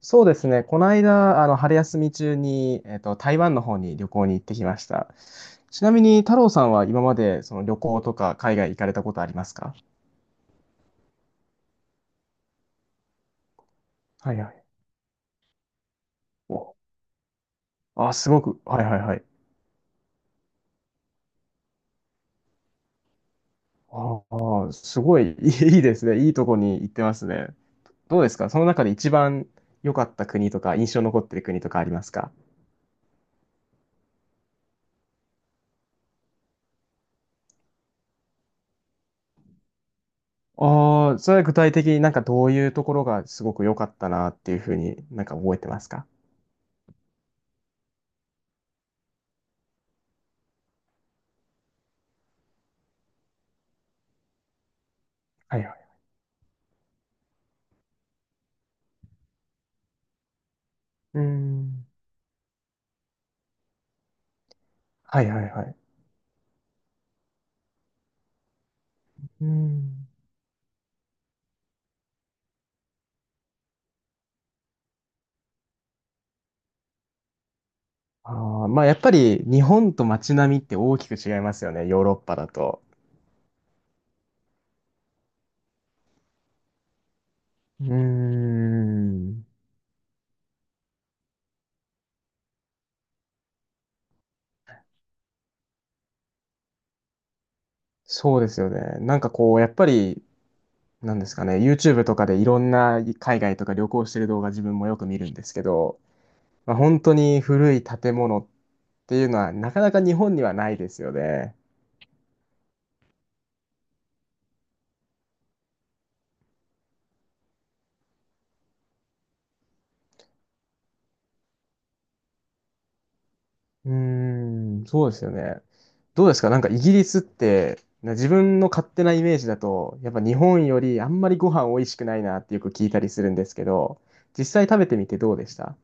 そうですね。この間、春休み中に、台湾の方に旅行に行ってきました。ちなみに、太郎さんは今まで、その旅行とか海外行かれたことありますか？はいはい。お、あ、すごく、はいはいはい。ああ、すごい、いいいいですね。いいとこに行ってますね。どうですかその中で一番良かった国とか、印象に残ってる国とかありますか？ああー、それは具体的になんかどういうところがすごく良かったなっていうふうになんか覚えてますか？はいはい。うーん。はいはいはい。うん。あー、まあやっぱり日本と街並みって大きく違いますよね、ヨーロッパだと。うーん。そうですよね。なんかこう、やっぱり、なんですかね、YouTube とかでいろんな海外とか旅行してる動画自分もよく見るんですけど、まあ、本当に古い建物っていうのはなかなか日本にはないですよね。うーん、そうですよね。どうですかなんかイギリスって、自分の勝手なイメージだと、やっぱ日本よりあんまりご飯美味しくないなってよく聞いたりするんですけど、実際食べてみてどうでした？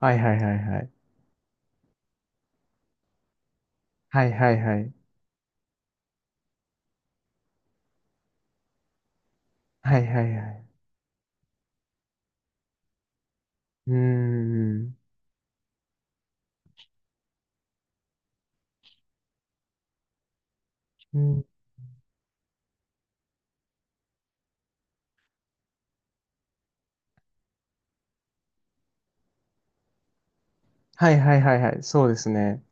はいはいはいはい。はいはいはい。はいはいはい。うーん。うん。はいはいはいはい。そうですね。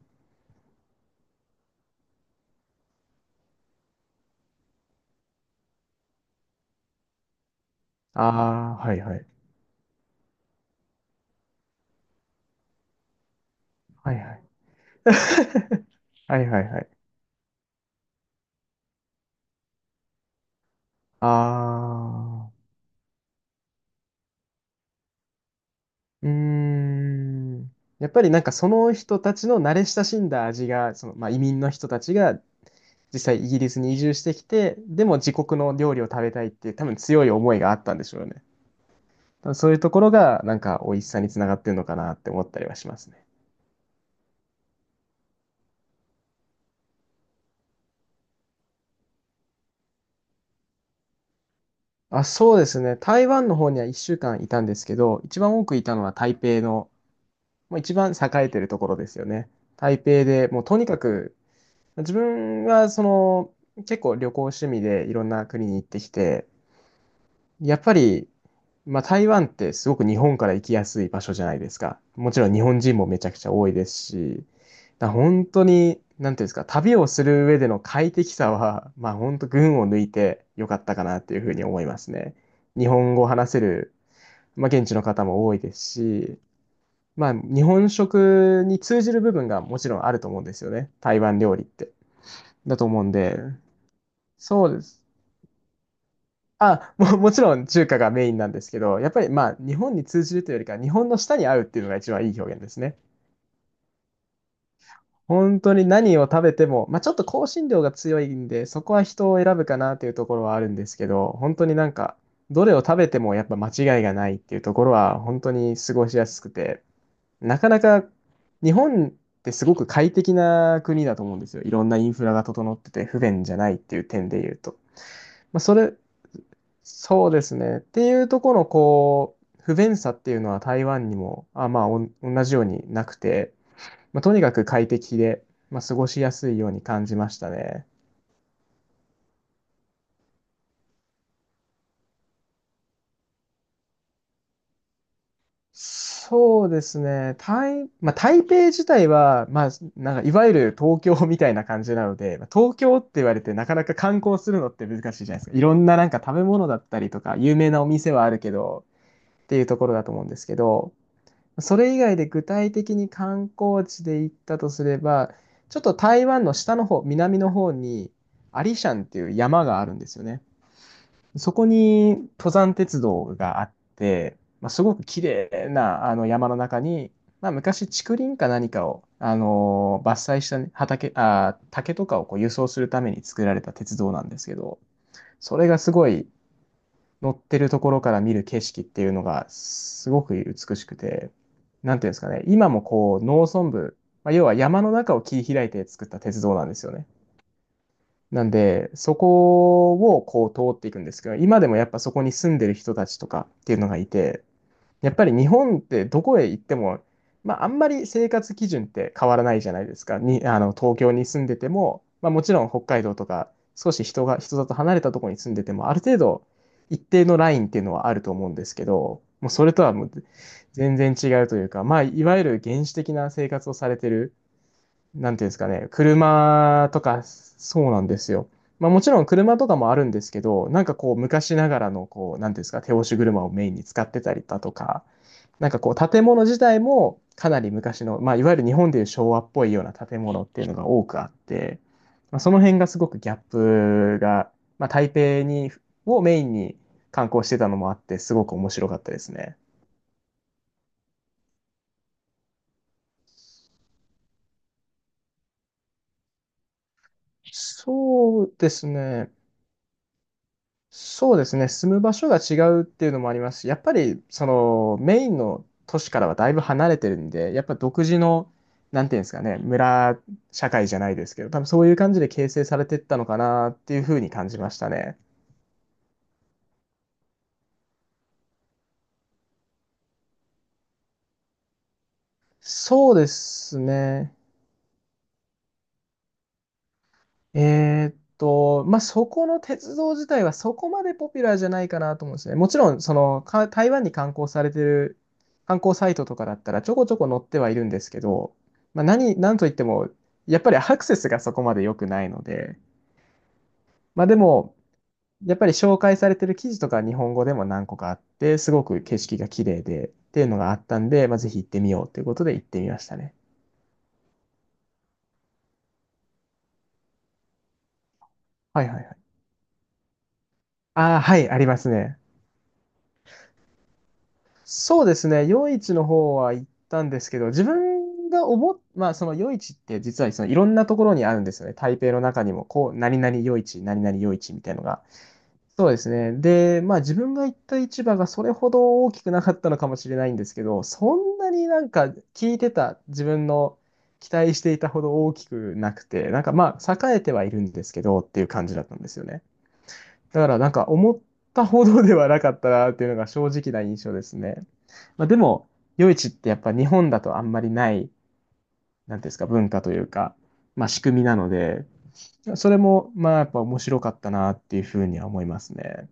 ああ、はいはい。はいはい。はいはいはい。ああ。うーん。やっぱりなんかその人たちの慣れ親しんだ味が、その、まあ、移民の人たちが実際イギリスに移住してきて、でも自国の料理を食べたいっていう多分強い思いがあったんでしょうね。多分そういうところがなんか美味しさにつながってるのかなって思ったりはしますね。あ、そうですね。台湾の方には1週間いたんですけど、一番多くいたのは台北の、もう一番栄えてるところですよね。台北でもうとにかく、自分はその結構旅行趣味でいろんな国に行ってきて、やっぱり、まあ、台湾ってすごく日本から行きやすい場所じゃないですか。もちろん日本人もめちゃくちゃ多いですし、だから本当に、なんていうんですか、旅をする上での快適さは、まあ本当群を抜いてよかったかなっていうふうに思いますね。日本語を話せる、まあ現地の方も多いですし、まあ日本食に通じる部分がもちろんあると思うんですよね。台湾料理って。だと思うんで、そうです。もちろん中華がメインなんですけど、やっぱりまあ日本に通じるというよりか日本の舌に合うっていうのが一番いい表現ですね。本当に何を食べても、まあちょっと香辛料が強いんで、そこは人を選ぶかなっていうところはあるんですけど、本当になんか、どれを食べてもやっぱ間違いがないっていうところは本当に過ごしやすくて、なかなか日本ってすごく快適な国だと思うんですよ。いろんなインフラが整ってて不便じゃないっていう点で言うと。まあ、それそうですね。っていうところのこう不便さっていうのは台湾にもまあ、同じようになくて、まあ、とにかく快適で、まあ、過ごしやすいように感じましたね。そうですね。まあ、台北自体は、まあ、なんかいわゆる東京みたいな感じなので、まあ東京って言われてなかなか観光するのって難しいじゃないですか。いろんななんか食べ物だったりとか有名なお店はあるけどっていうところだと思うんですけど、それ以外で具体的に観光地で行ったとすれば、ちょっと台湾の下の方、南の方に、アリシャンっていう山があるんですよね。そこに登山鉄道があって、まあ、すごく綺麗なあの山の中に、まあ、昔竹林か何かを、伐採したね畑、竹とかをこう輸送するために作られた鉄道なんですけど、それがすごい乗ってるところから見る景色っていうのがすごく美しくて、なんていうんですかね、今もこう農村部、まあ、要は山の中を切り開いて作った鉄道なんですよね。なんで、そこをこう通っていくんですけど、今でもやっぱそこに住んでる人たちとかっていうのがいて、やっぱり日本ってどこへ行っても、まあ、あんまり生活基準って変わらないじゃないですか。に、あの、東京に住んでても、まあ、もちろん北海道とか、少し人里離れたところに住んでても、ある程度、一定のラインっていうのはあると思うんですけど、もうそれとはもう全然違うというか、まあ、いわゆる原始的な生活をされてるなんていうんですかね、車とか、そうなんですよ。まあもちろん車とかもあるんですけど、なんかこう昔ながらのこう、なんていうんですか、手押し車をメインに使ってたりだとか、なんかこう建物自体もかなり昔の、まあいわゆる日本でいう昭和っぽいような建物っていうのが多くあって、まあ、その辺がすごくギャップが、まあ台北に、をメインに観光してたのもあって、すごく面白かったですね。そうですね。そうですね、住む場所が違うっていうのもありますし、やっぱりそのメインの都市からはだいぶ離れてるんで、やっぱ独自の、なんていうんですかね、村社会じゃないですけど、多分そういう感じで形成されてったのかなっていうふうに感じましたね。そうですね。まあ、そこの鉄道自体はそこまでポピュラーじゃないかなと思うんですね。もちろん、台湾に観光されてる観光サイトとかだったらちょこちょこ載ってはいるんですけど、まあ、なんといっても、やっぱりアクセスがそこまで良くないので、まあ、でも、やっぱり紹介されてる記事とか日本語でも何個かあって、すごく景色が綺麗でっていうのがあったんで、まあ、ぜひ行ってみようということで行ってみましたね。はいはいはい。ああ、はい、ありますね。そうですね。夜市の方は行ったんですけど、自分が思っ、まあその夜市って実はそのいろんなところにあるんですよね。台北の中にも、こう、何々夜市、何々夜市みたいのが。そうですね。で、まあ自分が行った市場がそれほど大きくなかったのかもしれないんですけど、そんなになんか聞いてた自分の期待していたほど大きくなくて、なんかまあ栄えてはいるんですけどっていう感じだったんですよね。だからなんか思ったほどではなかったなっていうのが正直な印象ですね。まあ、でも、夜市ってやっぱ日本だとあんまりない、なんていうんですか、文化というか、まあ仕組みなので、それもまあやっぱ面白かったなっていうふうには思いますね。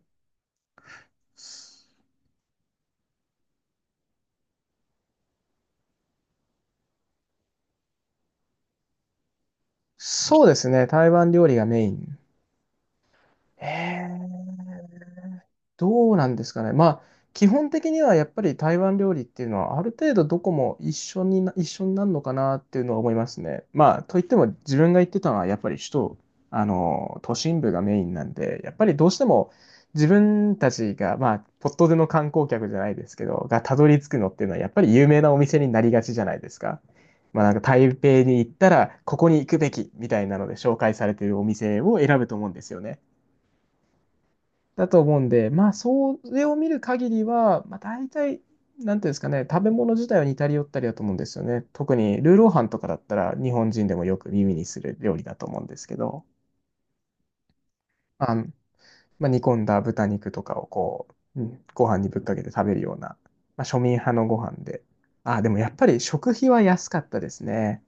そうですね、台湾料理がメイン。へえ、どうなんですかね。まあ、基本的にはやっぱり台湾料理っていうのは、ある程度どこも一緒になるのかなっていうのは思いますね。まあ、といっても自分が行ってたのは、やっぱり首都、あの、都心部がメインなんで、やっぱりどうしても自分たちが、まあ、ポッとでの観光客じゃないですけど、がたどり着くのっていうのは、やっぱり有名なお店になりがちじゃないですか。まあ、なんか台北に行ったら、ここに行くべきみたいなので紹介されているお店を選ぶと思うんですよね。だと思うんで、まあ、それを見る限りは、まあ、大体、なんていうんですかね、食べ物自体は似たり寄ったりだと思うんですよね。特にルーローハンとかだったら、日本人でもよく耳にする料理だと思うんですけど、あの、まあ、煮込んだ豚肉とかをこう、うんご飯にぶっかけて食べるような、まあ、庶民派のご飯で。あ、でもやっぱり食費は安かったですね。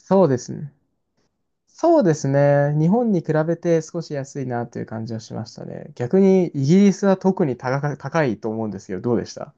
そうですね。そうですね。日本に比べて少し安いなという感じはしましたね。逆にイギリスは特に高いと思うんですけど、どうでした？